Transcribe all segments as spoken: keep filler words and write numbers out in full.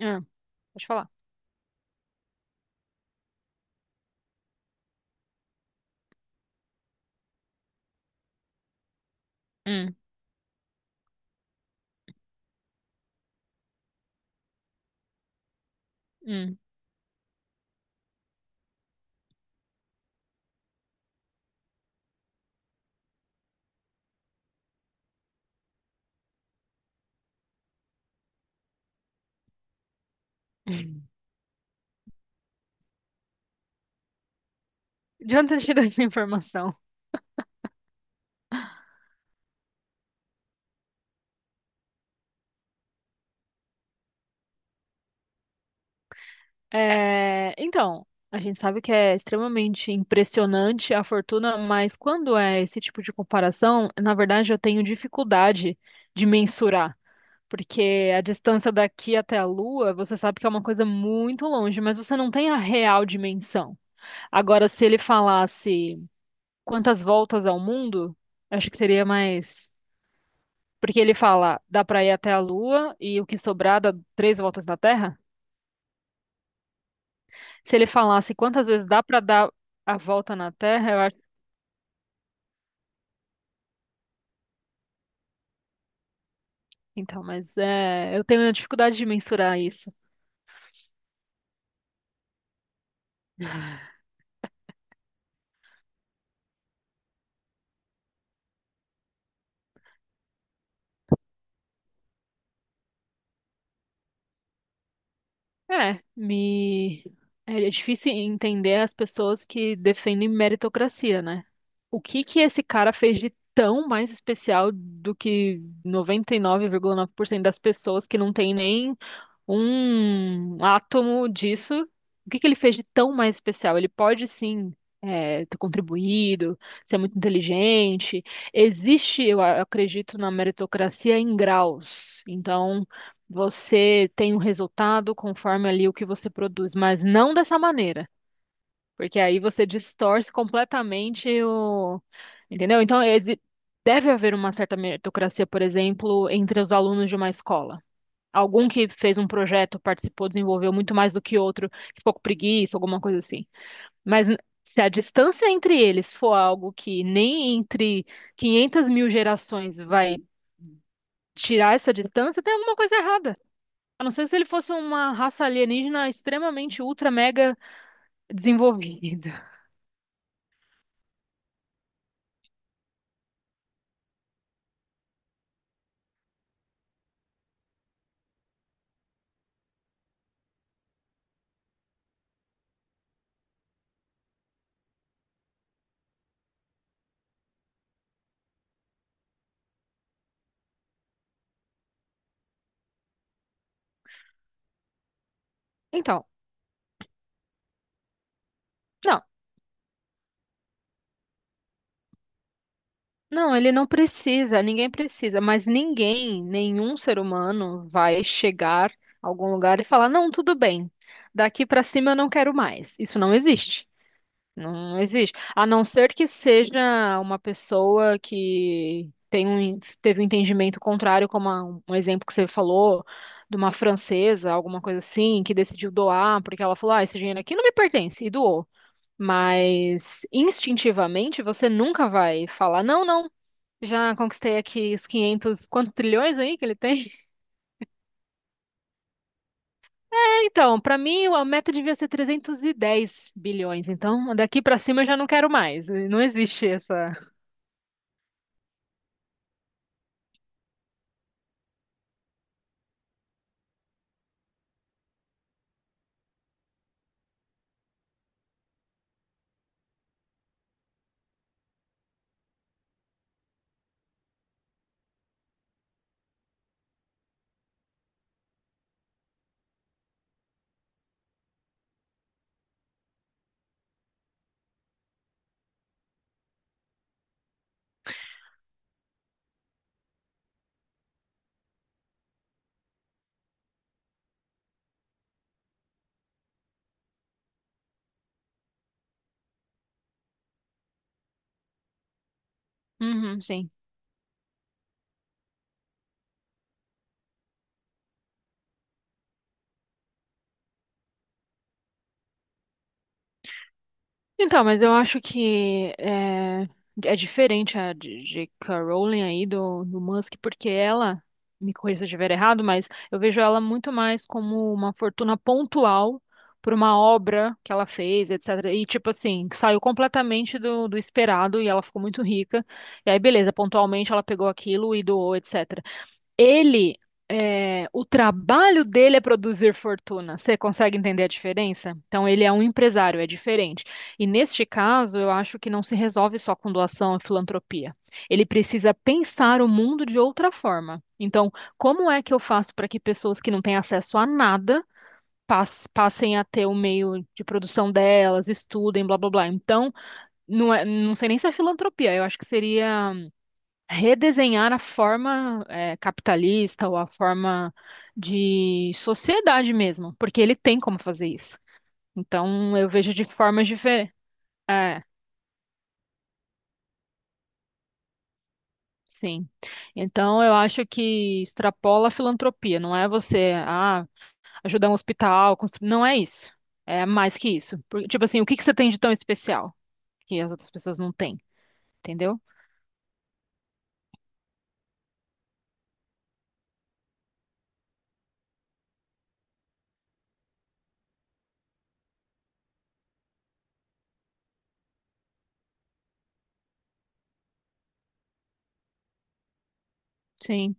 Ah, pode falar. Hum, hum. De onde você tirou essa informação? É, então, a gente sabe que é extremamente impressionante a fortuna, mas quando é esse tipo de comparação, na verdade eu tenho dificuldade de mensurar, porque a distância daqui até a Lua, você sabe que é uma coisa muito longe, mas você não tem a real dimensão. Agora, se ele falasse quantas voltas ao mundo, acho que seria mais. Porque ele fala, dá pra ir até a Lua e o que sobrar dá três voltas na Terra. Se ele falasse quantas vezes dá pra dar a volta na Terra, eu acho. Então, mas é, eu tenho dificuldade de mensurar isso. É, me. É é difícil entender as pessoas que defendem meritocracia, né? O que que esse cara fez de tão mais especial do que noventa e nove nove vírgula nove por cento das pessoas que não tem nem um átomo disso. O que que ele fez de tão mais especial? Ele pode sim, é, ter contribuído, ser muito inteligente. Existe, eu a- acredito, na meritocracia em graus. Então, você tem um resultado conforme ali o que você produz, mas não dessa maneira, porque aí você distorce completamente o. Entendeu? Então, exi- deve haver uma certa meritocracia, por exemplo, entre os alunos de uma escola. Algum que fez um projeto, participou, desenvolveu muito mais do que outro, que ficou com preguiça, alguma coisa assim. Mas n- se a distância entre eles for algo que nem entre 500 mil gerações vai tirar essa distância, tem alguma coisa errada. A não ser se ele fosse uma raça alienígena extremamente ultra mega desenvolvida. Então, não. Não, ele não precisa, ninguém precisa, mas ninguém, nenhum ser humano vai chegar a algum lugar e falar: não, tudo bem, daqui pra cima eu não quero mais. Isso não existe. Não existe. A não ser que seja uma pessoa que tem um, teve um entendimento contrário, como a- um exemplo que você falou, de uma francesa, alguma coisa assim, que decidiu doar, porque ela falou: ah, esse dinheiro aqui não me pertence, e doou. Mas instintivamente você nunca vai falar: não, não. Já conquistei aqui os quinhentos quantos trilhões aí que ele tem? Então, pra mim, a meta devia ser trezentos e dez bilhões. Então, daqui pra cima eu já não quero mais. Não existe essa. Uhum, gente. Então, mas eu acho que é, é diferente a de jota ká. Rowling aí do, do Musk, porque ela, me corrija se eu estiver errado, mas eu vejo ela muito mais como uma fortuna pontual por uma obra que ela fez, etcétera. E, tipo assim, saiu completamente do, do esperado e ela ficou muito rica. E aí, beleza, pontualmente ela pegou aquilo e doou, etcétera. Ele, é, o trabalho dele é produzir fortuna. Você consegue entender a diferença? Então, ele é um empresário, é diferente. E neste caso, eu acho que não se resolve só com doação e filantropia. Ele precisa pensar o mundo de outra forma. Então, como é que eu faço para que pessoas que não têm acesso a nada pas- passem a ter o meio de produção delas, estudem, blá blá blá. Então, não é- não sei nem se é filantropia, eu acho que seria redesenhar a forma eh, capitalista ou a forma de sociedade mesmo, porque ele tem como fazer isso. Então, eu vejo de formas diferentes. É, sim. Então, eu acho que extrapola a filantropia. Não é você, ah, ajudar um hospital, construir. Não é isso. É mais que isso. Por- tipo assim, o que que você tem de tão especial que as outras pessoas não têm? Entendeu? Sim.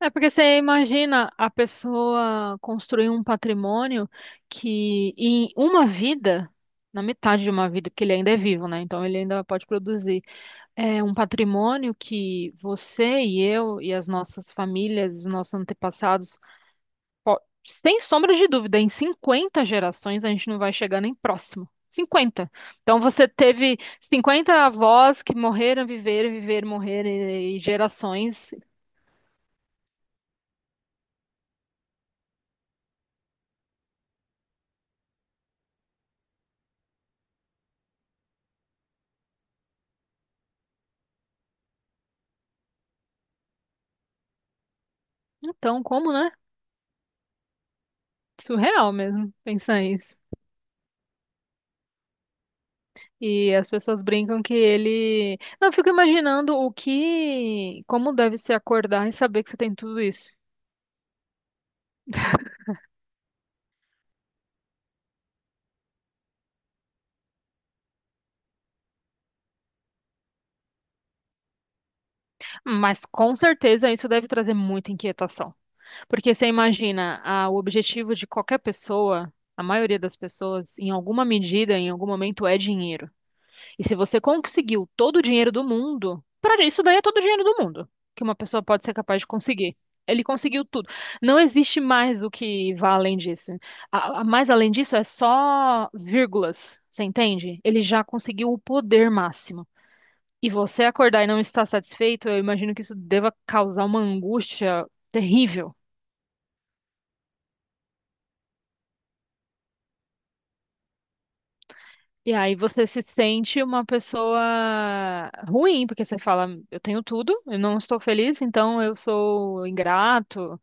É porque você imagina a pessoa construir um patrimônio que em uma vida, na metade de uma vida, porque ele ainda é vivo, né? Então ele ainda pode produzir. É um patrimônio que você e eu e as nossas famílias, os nossos antepassados, po- sem sombra de dúvida, em cinquenta gerações a gente não vai chegar nem próximo. Cinquenta. Então você teve cinquenta avós que morreram, viveram, viveram, morreram e e gerações. Então, como, né? Surreal mesmo pensar isso. E as pessoas brincam que ele. Não, eu fico imaginando o que. Como deve se acordar e saber que você tem tudo isso. Mas com certeza isso deve trazer muita inquietação. Porque você imagina, ah, o objetivo de qualquer pessoa, a maioria das pessoas, em alguma medida, em algum momento, é dinheiro. E se você conseguiu todo o dinheiro do mundo, para isso daí é todo o dinheiro do mundo que uma pessoa pode ser capaz de conseguir. Ele conseguiu tudo. Não existe mais o que vá além disso. A, a- mais além disso é só vírgulas, você entende? Ele já conseguiu o poder máximo. E você acordar e não estar satisfeito, eu imagino que isso deva causar uma angústia terrível. E aí você se sente uma pessoa ruim, porque você fala, eu tenho tudo, eu não estou feliz, então eu sou ingrato.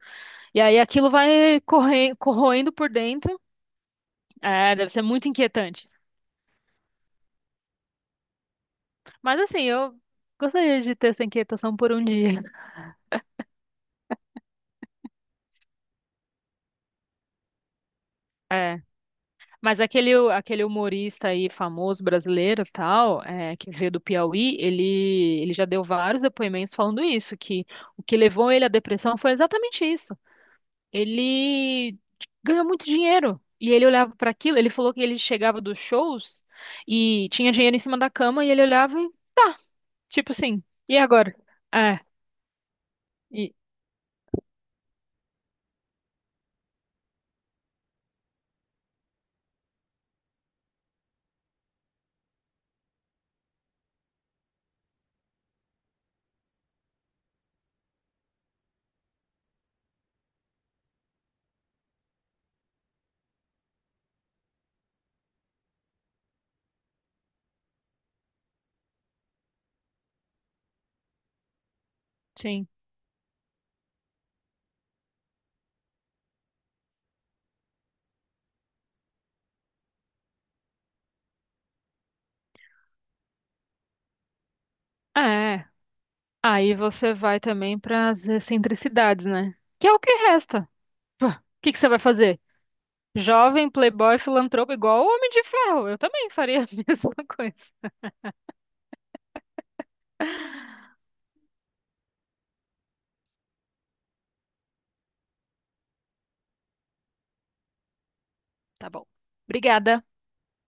E aí aquilo vai corre- corroendo por dentro. É, deve ser muito inquietante. Mas assim, eu gostaria de ter essa inquietação por um dia. Mas aquele, aquele humorista aí famoso brasileiro, e tal, é, que veio do Piauí, ele, ele já deu vários depoimentos falando isso, que o que levou ele à depressão foi exatamente isso. Ele ganhou muito dinheiro. E ele olhava para aquilo, ele falou que ele chegava dos shows e tinha dinheiro em cima da cama e ele olhava e tá, tipo assim, e agora? É, e sim. É. Aí você vai também para as excentricidades, né? Que é o que resta. Pô, o que que você vai fazer? Jovem, playboy, filantropo, igual o Homem de Ferro. Eu também faria a mesma coisa. Tá bom. Obrigada.